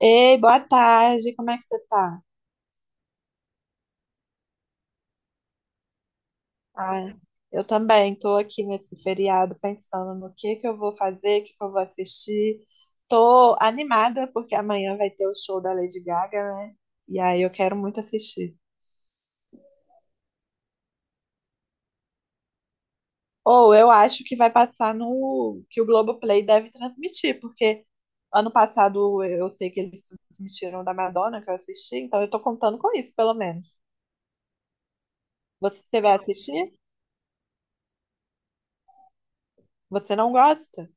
Ei, boa tarde, como é que você tá? Ah, eu também tô aqui nesse feriado pensando no que eu vou fazer, o que que eu vou assistir. Tô animada porque amanhã vai ter o show da Lady Gaga, né? E aí eu quero muito assistir. Ou eu acho que vai passar no que o Globoplay deve transmitir, porque ano passado eu sei que eles transmitiram da Madonna que eu assisti, então eu tô contando com isso, pelo menos. Você vai assistir? Você não gosta?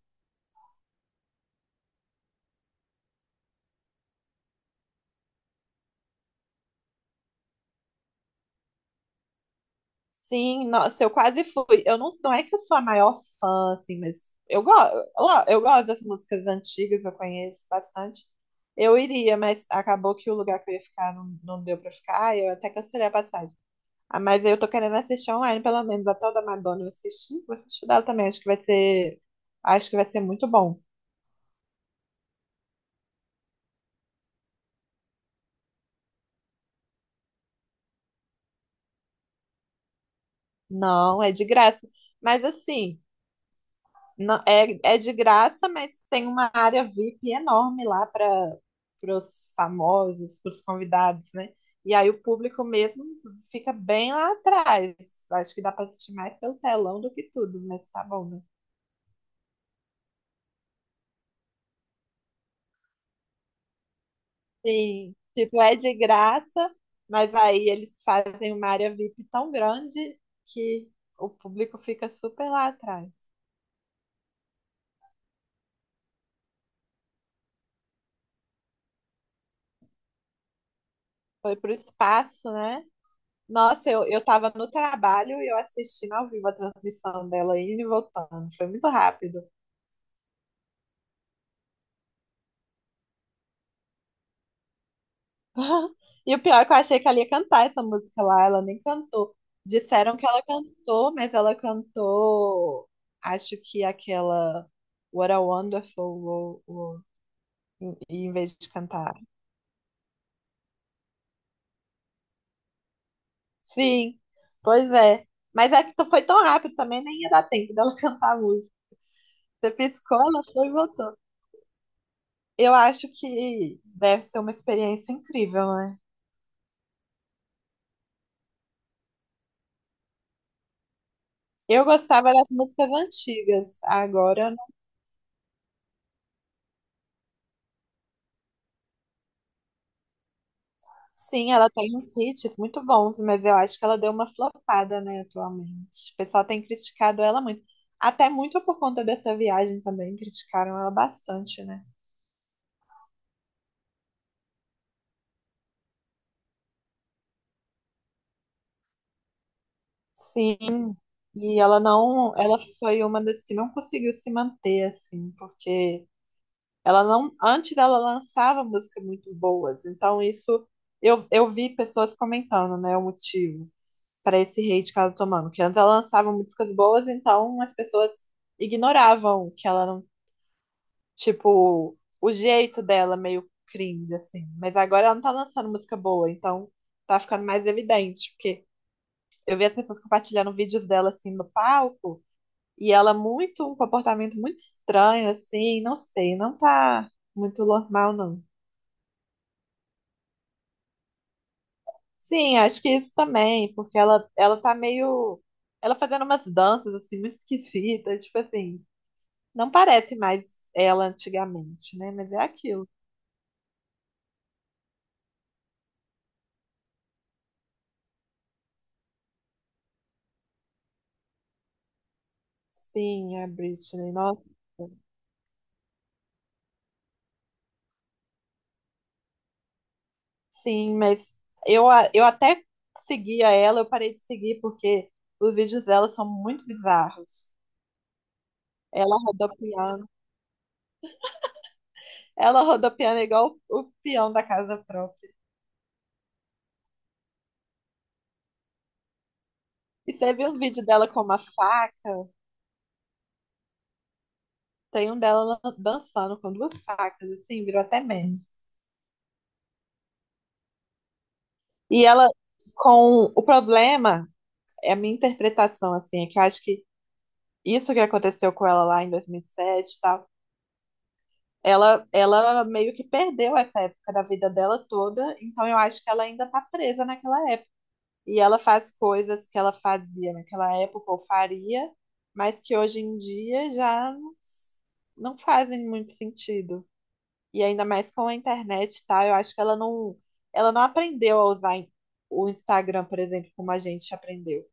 Sim, nossa, eu quase fui. Eu não, não é que eu sou a maior fã, assim, mas eu gosto das músicas antigas, eu conheço bastante. Eu iria, mas acabou que o lugar que eu ia ficar não deu pra ficar, eu até cancelei a passagem. Ah, mas eu tô querendo assistir online, pelo menos, até o da Madonna eu assisti, vou assistir dela também, acho que vai ser muito bom. Não, é de graça. Mas assim. É de graça, mas tem uma área VIP enorme lá para os famosos, para os convidados, né? E aí o público mesmo fica bem lá atrás. Acho que dá para assistir mais pelo telão do que tudo, mas tá bom, né? Sim, tipo, é de graça, mas aí eles fazem uma área VIP tão grande que o público fica super lá atrás. Foi pro espaço, né? Nossa, eu tava no trabalho e eu assistindo ao vivo a transmissão dela indo e voltando. Foi muito rápido. E o pior é que eu achei que ela ia cantar essa música lá, ela nem cantou. Disseram que ela cantou, mas ela cantou, acho que aquela What a Wonderful World, em vez de cantar. Sim, pois é. Mas é que foi tão rápido também, nem ia dar tempo dela cantar a música. Você piscou, ela foi e voltou. Eu acho que deve ser uma experiência incrível, né? Eu gostava das músicas antigas. Agora, sim, ela tem uns hits muito bons, mas eu acho que ela deu uma flopada, né, atualmente. O pessoal tem criticado ela muito. Até muito por conta dessa viagem também, criticaram ela bastante, né? Sim. E ela não, ela foi uma das que não conseguiu se manter assim, porque ela não, antes dela lançava músicas muito boas. Então isso eu vi pessoas comentando, né, o motivo para esse hate que ela tá tomando. Que antes ela lançava músicas boas, então as pessoas ignoravam que ela não, tipo, o jeito dela meio cringe, assim. Mas agora ela não tá lançando música boa, então tá ficando mais evidente, porque eu vi as pessoas compartilhando vídeos dela, assim, no palco, e ela muito, um comportamento muito estranho, assim, não sei, não tá muito normal, não. Sim, acho que isso também, porque ela tá meio. Ela fazendo umas danças, assim, muito esquisitas, tipo assim. Não parece mais ela antigamente, né? Mas é aquilo. Sim, a Britney, nossa. Sim, mas eu até seguia ela, eu parei de seguir porque os vídeos dela são muito bizarros. Ela rodopiando, ela rodopiando igual o peão da casa própria. E você viu os vídeos dela com uma faca? Tem um dela dançando com duas facas, assim, virou até meme. E ela, com o problema, é a minha interpretação, assim, é que eu acho que isso que aconteceu com ela lá em 2007 e sete e tal, ela meio que perdeu essa época da vida dela toda, então eu acho que ela ainda tá presa naquela época. E ela faz coisas que ela fazia naquela época ou faria, mas que hoje em dia já não fazem muito sentido. E ainda mais com a internet e tal, eu acho que ela não aprendeu a usar o Instagram, por exemplo, como a gente aprendeu.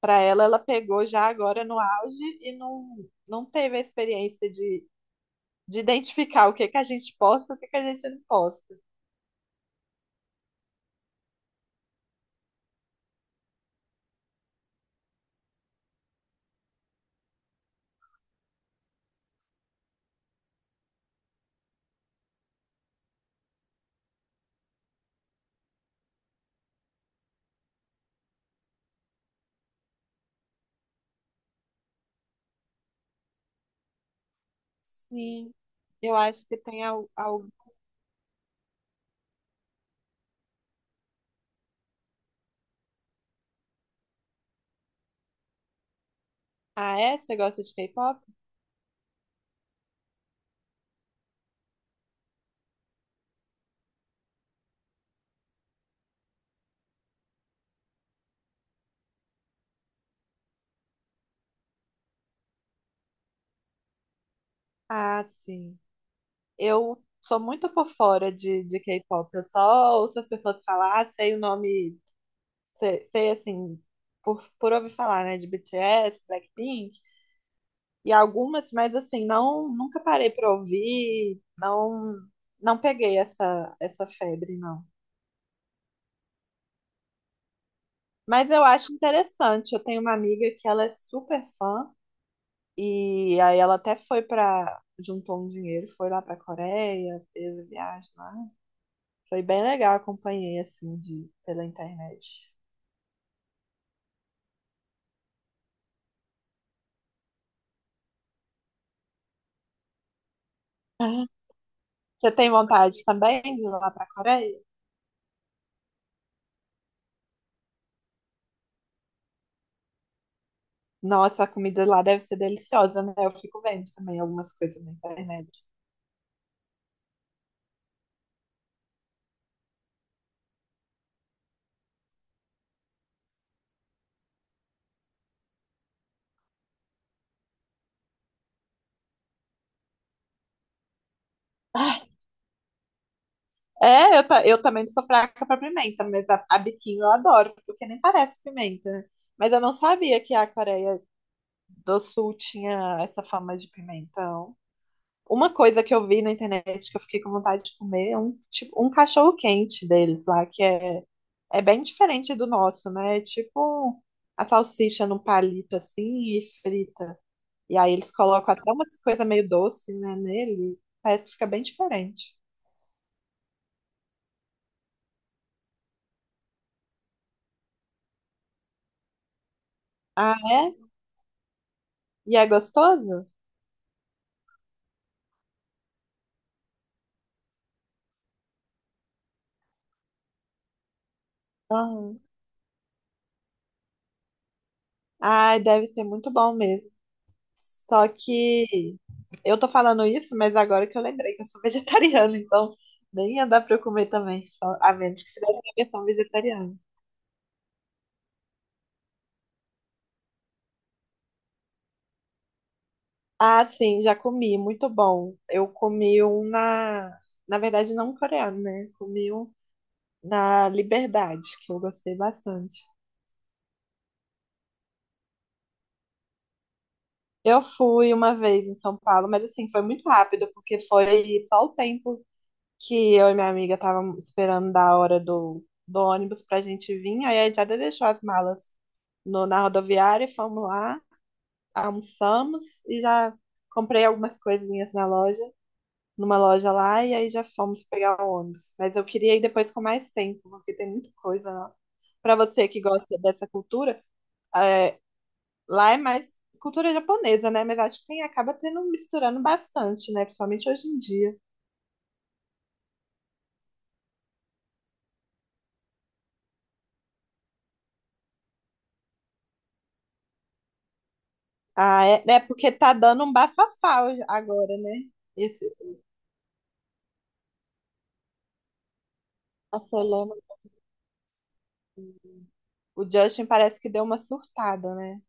Para ela, ela pegou já agora no auge e não teve a experiência de identificar o que que a gente posta e o que que a gente não posta. Sim, eu acho que tem algo. Ah, é? Você gosta de K-pop? Ah, sim. Eu sou muito por fora de K-pop. Eu só ouço as pessoas falar, sei o nome, sei, assim, por ouvir falar, né? De BTS, Blackpink. E algumas, mas assim, não, nunca parei para ouvir, não peguei essa febre, não. Mas eu acho interessante. Eu tenho uma amiga que ela é super fã e aí ela até foi para juntou um dinheiro, foi lá para Coreia, fez a viagem lá. Foi bem legal, acompanhei assim de pela internet. Ah, você tem vontade também de ir lá para Coreia? Nossa, a comida lá deve ser deliciosa, né? Eu fico vendo também algumas coisas na internet. É, eu também não sou fraca pra pimenta, mas a biquinho eu adoro, porque nem parece pimenta, né? Mas eu não sabia que a Coreia do Sul tinha essa fama de pimentão. Uma coisa que eu vi na internet que eu fiquei com vontade de comer é um, tipo, um cachorro-quente deles lá, que é bem diferente do nosso, né? É tipo a salsicha num palito assim e frita. E aí eles colocam até umas coisas meio doce, né, nele. Parece que fica bem diferente. Ah, é? E é gostoso? Aham. Ai, deve ser muito bom mesmo. Só que eu tô falando isso, mas agora que eu lembrei que eu sou vegetariana, então nem ia dar pra eu comer também, só, a menos que fizesse a versão vegetariana. Ah, sim, já comi, muito bom. Eu comi um na. Na verdade, não coreano, né? Comi um na Liberdade, que eu gostei bastante. Eu fui uma vez em São Paulo, mas assim, foi muito rápido, porque foi só o tempo que eu e minha amiga estávamos esperando da hora do ônibus pra gente vir. Aí a Jada deixou as malas no, na rodoviária e fomos lá, almoçamos e já comprei algumas coisinhas na loja, numa loja lá, e aí já fomos pegar o ônibus. Mas eu queria ir depois com mais tempo, porque tem muita coisa lá. Pra você que gosta dessa cultura, é, lá é mais cultura japonesa, né? Mas acho que tem, acaba tendo misturando bastante, né? Principalmente hoje em dia. Ah, é porque tá dando um bafafá agora, né? Esse, nossa, eu lembro que o Justin parece que deu uma surtada, né?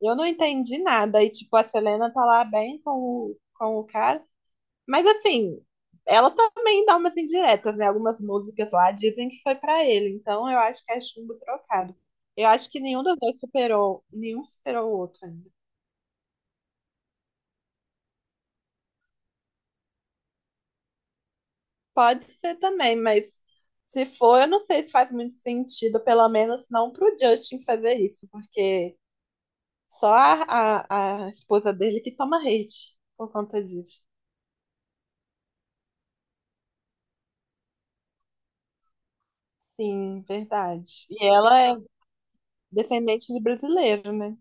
Eu não entendi nada. E, tipo, a Selena tá lá bem com o cara. Mas, assim, ela também dá umas indiretas, né? Algumas músicas lá dizem que foi pra ele. Então, eu acho que é chumbo trocado. Eu acho que nenhum dos dois superou, nenhum superou o outro ainda. Pode ser também, mas se for, eu não sei se faz muito sentido, pelo menos não pro Justin fazer isso, porque só a esposa dele que toma hate por conta disso. Sim, verdade. E ela é descendente de brasileiro, né?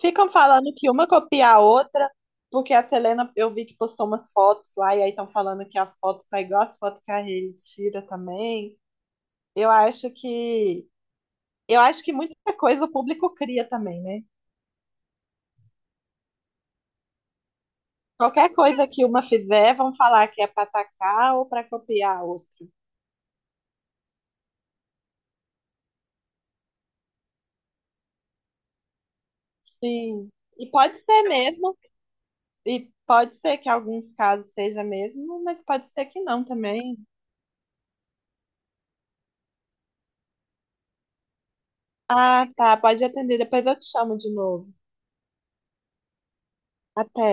Ficam falando que uma copia a outra, porque a Selena, eu vi que postou umas fotos lá, e aí estão falando que a foto tá igual as fotos que a Hailey tira também. Eu acho que. Eu acho que muita coisa o público cria também, né? Qualquer coisa que uma fizer, vão falar que é para atacar ou para copiar a outra. Sim. E pode ser mesmo, e pode ser que em alguns casos seja mesmo, mas pode ser que não também. Ah, tá, pode atender, depois eu te chamo de novo. Até.